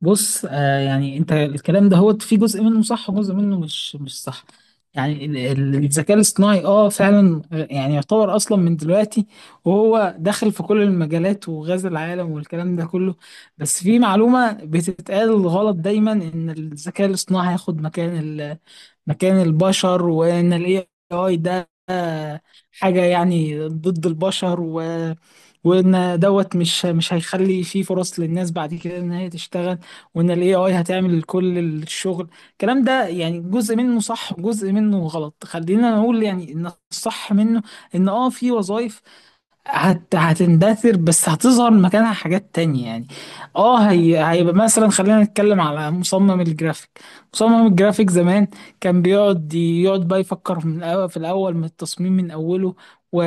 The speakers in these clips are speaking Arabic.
بص، يعني انت الكلام ده هو في جزء منه صح وجزء منه مش صح. يعني الذكاء الاصطناعي فعلا، يعني يعتبر اصلا من دلوقتي، وهو داخل في كل المجالات وغزا العالم والكلام ده كله. بس في معلومة بتتقال غلط دايما ان الذكاء الاصطناعي هياخد مكان البشر، وان الاي اي ده حاجة يعني ضد البشر وان دوت مش هيخلي فيه فرص للناس بعد كده ان هي تشتغل، وان الاي اي هتعمل كل الشغل. الكلام ده يعني جزء منه صح وجزء منه غلط. خلينا نقول يعني ان الصح منه ان في وظائف هتندثر، بس هتظهر مكانها حاجات تانية. يعني هيبقى مثلا خلينا نتكلم على مصمم الجرافيك. مصمم الجرافيك زمان كان يقعد بقى يفكر من الأول في الأول من التصميم من أوله، و...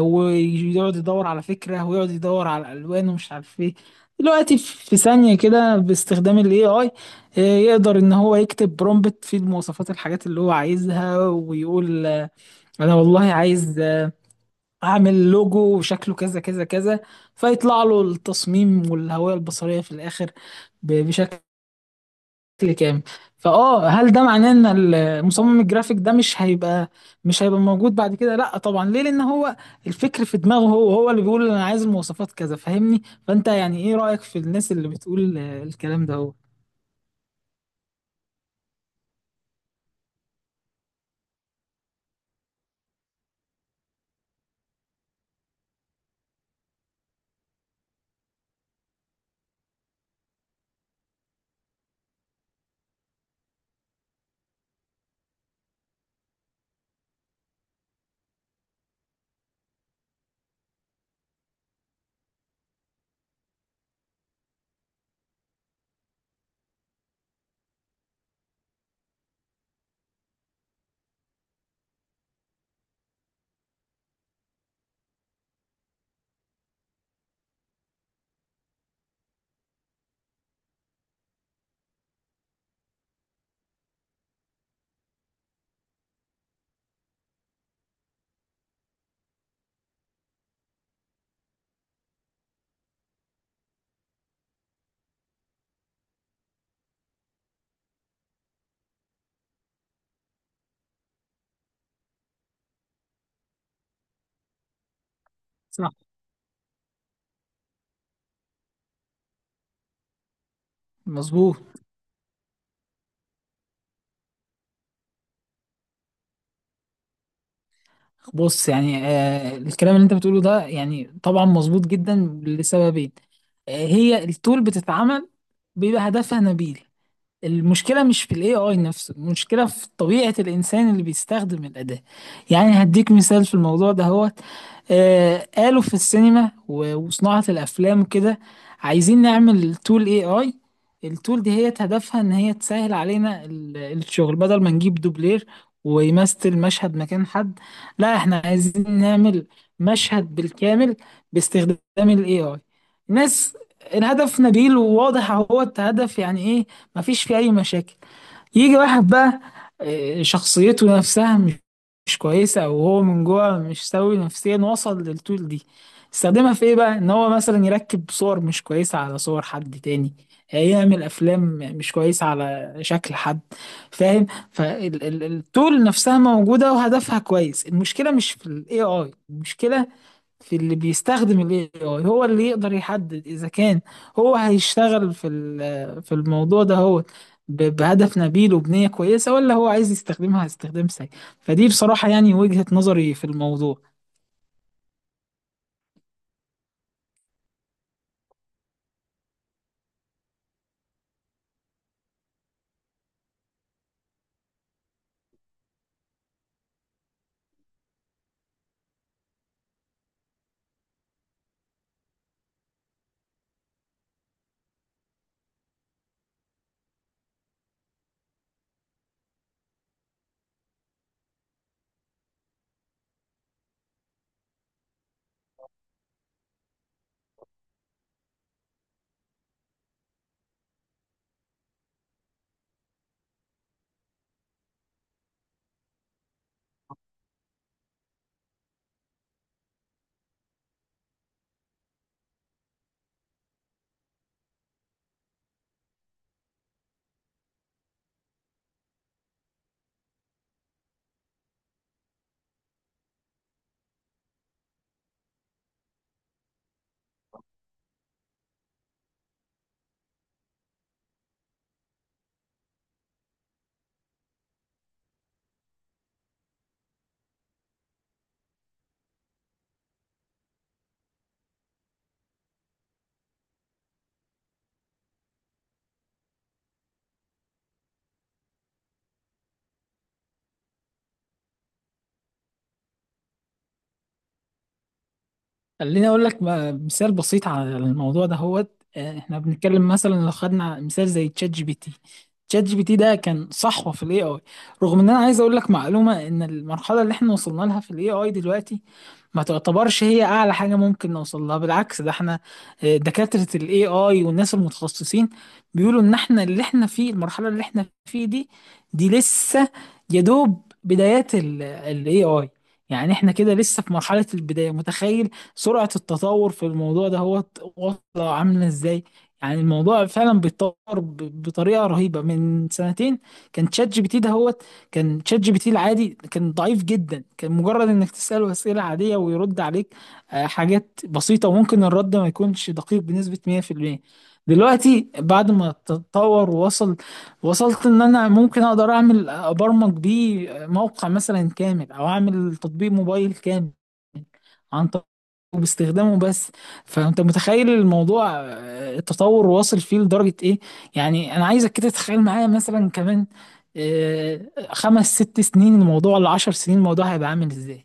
ويقعد يدور على فكرة، ويقعد يدور على الألوان، ومش عارف ايه. دلوقتي في ثانية كده باستخدام ال AI، إيه، آي آه، يقدر إن هو يكتب برومبت فيه المواصفات الحاجات اللي هو عايزها، ويقول أنا والله عايز اعمل لوجو وشكله كذا كذا كذا، فيطلع له التصميم والهوية البصرية في الاخر بشكل كامل. فاه، هل ده معناه ان المصمم الجرافيك ده مش هيبقى موجود بعد كده؟ لا طبعا، ليه؟ لان هو الفكر في دماغه، هو هو اللي بيقول انا عايز المواصفات كذا، فاهمني؟ فانت يعني ايه رأيك في الناس اللي بتقول الكلام ده هو صح؟ مظبوط. بص يعني الكلام اللي انت بتقوله ده يعني طبعا مظبوط جدا لسببين. هي التول بتتعمل بيبقى هدفها نبيل. المشكلة مش في الاي اي نفسه، المشكلة في طبيعة الانسان اللي بيستخدم الأداة. يعني هديك مثال في الموضوع ده هو، قالوا في السينما وصناعة الافلام وكده: عايزين نعمل تول اي اي. التول دي هي هدفها ان هي تسهل علينا الشغل، بدل ما نجيب دوبلير ويمثل مشهد مكان حد. لا، احنا عايزين نعمل مشهد بالكامل باستخدام الاي اي. ناس، الهدف نبيل وواضح اهو، هدف يعني إيه؟ مفيش فيه أي مشاكل. يجي واحد بقى شخصيته نفسها مش كويسة، أو هو من جوه مش سوي نفسيا، وصل للطول دي. استخدمها في إيه بقى؟ إن هو مثلا يركب صور مش كويسة على صور حد تاني، يعمل أفلام مش كويسة على شكل حد، فاهم؟ فالطول نفسها موجودة وهدفها كويس، المشكلة مش في ال AI، المشكلة في اللي بيستخدم ال AI. هو اللي يقدر يحدد إذا كان هو هيشتغل في في الموضوع ده هو بهدف نبيل وبنية كويسة، ولا هو عايز يستخدمها استخدام سيء. فدي بصراحة يعني وجهة نظري في الموضوع. خليني أقول لك مثال بسيط على الموضوع ده هو، إحنا بنتكلم مثلا لو خدنا مثال زي تشات جي بي تي. تشات جي بي تي ده كان صحوة في ال AI، رغم إن أنا عايز أقول لك معلومة إن المرحلة اللي إحنا وصلنا لها في ال AI دلوقتي ما تعتبرش هي اعلى حاجه ممكن نوصل لها. بالعكس، ده احنا دكاتره الاي اي والناس المتخصصين بيقولوا ان احنا اللي احنا فيه، المرحله اللي احنا فيه دي، لسه يا دوب بدايات الاي اي. يعني احنا كده لسه في مرحله البدايه. متخيل سرعه التطور في الموضوع ده هو واصله عامله ازاي؟ يعني الموضوع فعلا بيتطور بطريقه رهيبه. من سنتين كان تشات جي بي تي ده هو، كان شات جي بي تي العادي، كان ضعيف جدا، كان مجرد انك تسأله أسئلة عادية ويرد عليك حاجات بسيطة، وممكن الرد ما يكونش دقيق بنسبة 100%. دلوقتي بعد ما تطور وصلت ان انا ممكن اقدر ابرمج بيه موقع مثلا كامل، او اعمل تطبيق موبايل كامل عن طريق باستخدامه بس. فانت متخيل الموضوع التطور واصل فيه لدرجة ايه؟ يعني انا عايزك كده تتخيل معايا مثلا كمان آه، خمس ست سنين الموضوع، لعشر سنين الموضوع هيبقى عامل ازاي؟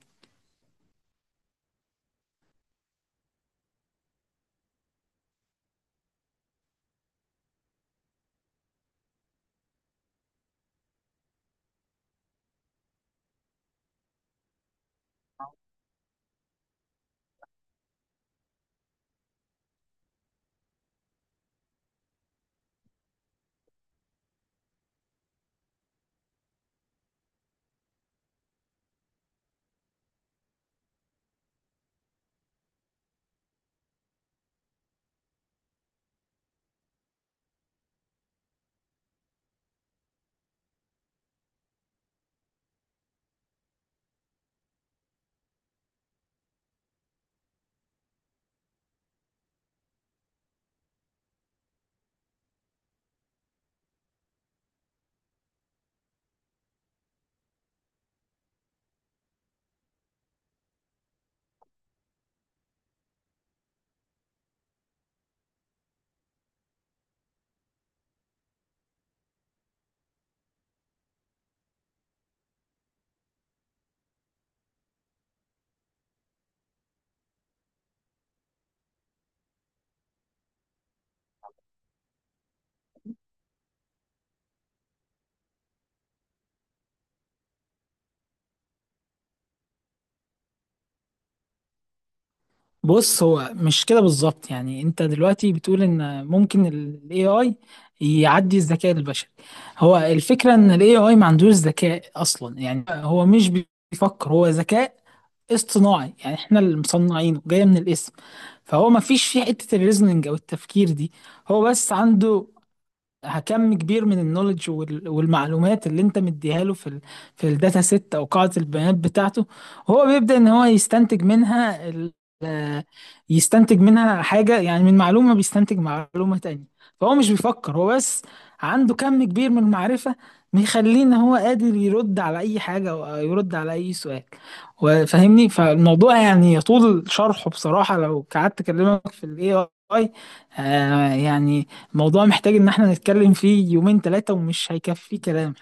بص هو مش كده بالظبط، يعني انت دلوقتي بتقول ان ممكن ال AI يعدي الذكاء البشري. هو الفكرة ان ال AI ما عندوش ذكاء اصلا، يعني هو مش بيفكر. هو ذكاء اصطناعي، يعني احنا اللي مصنعينه، جاية من الاسم. فهو ما فيش فيه حتة الريزنينج او التفكير دي. هو بس عنده كم كبير من النولج والمعلومات اللي انت مديها له في في الداتا سيت او قاعدة البيانات بتاعته. هو بيبدأ ان هو يستنتج منها آه، حاجة، يعني من معلومة بيستنتج معلومة تانية. فهو مش بيفكر، هو بس عنده كم كبير من المعرفة، مخليه ان هو قادر يرد على اي حاجة او يرد على اي سؤال، وفاهمني. فالموضوع يعني يطول شرحه بصراحة. لو قعدت اكلمك في الاي اي، يعني موضوع محتاج ان احنا نتكلم فيه يومين 3 ومش هيكفي كلام.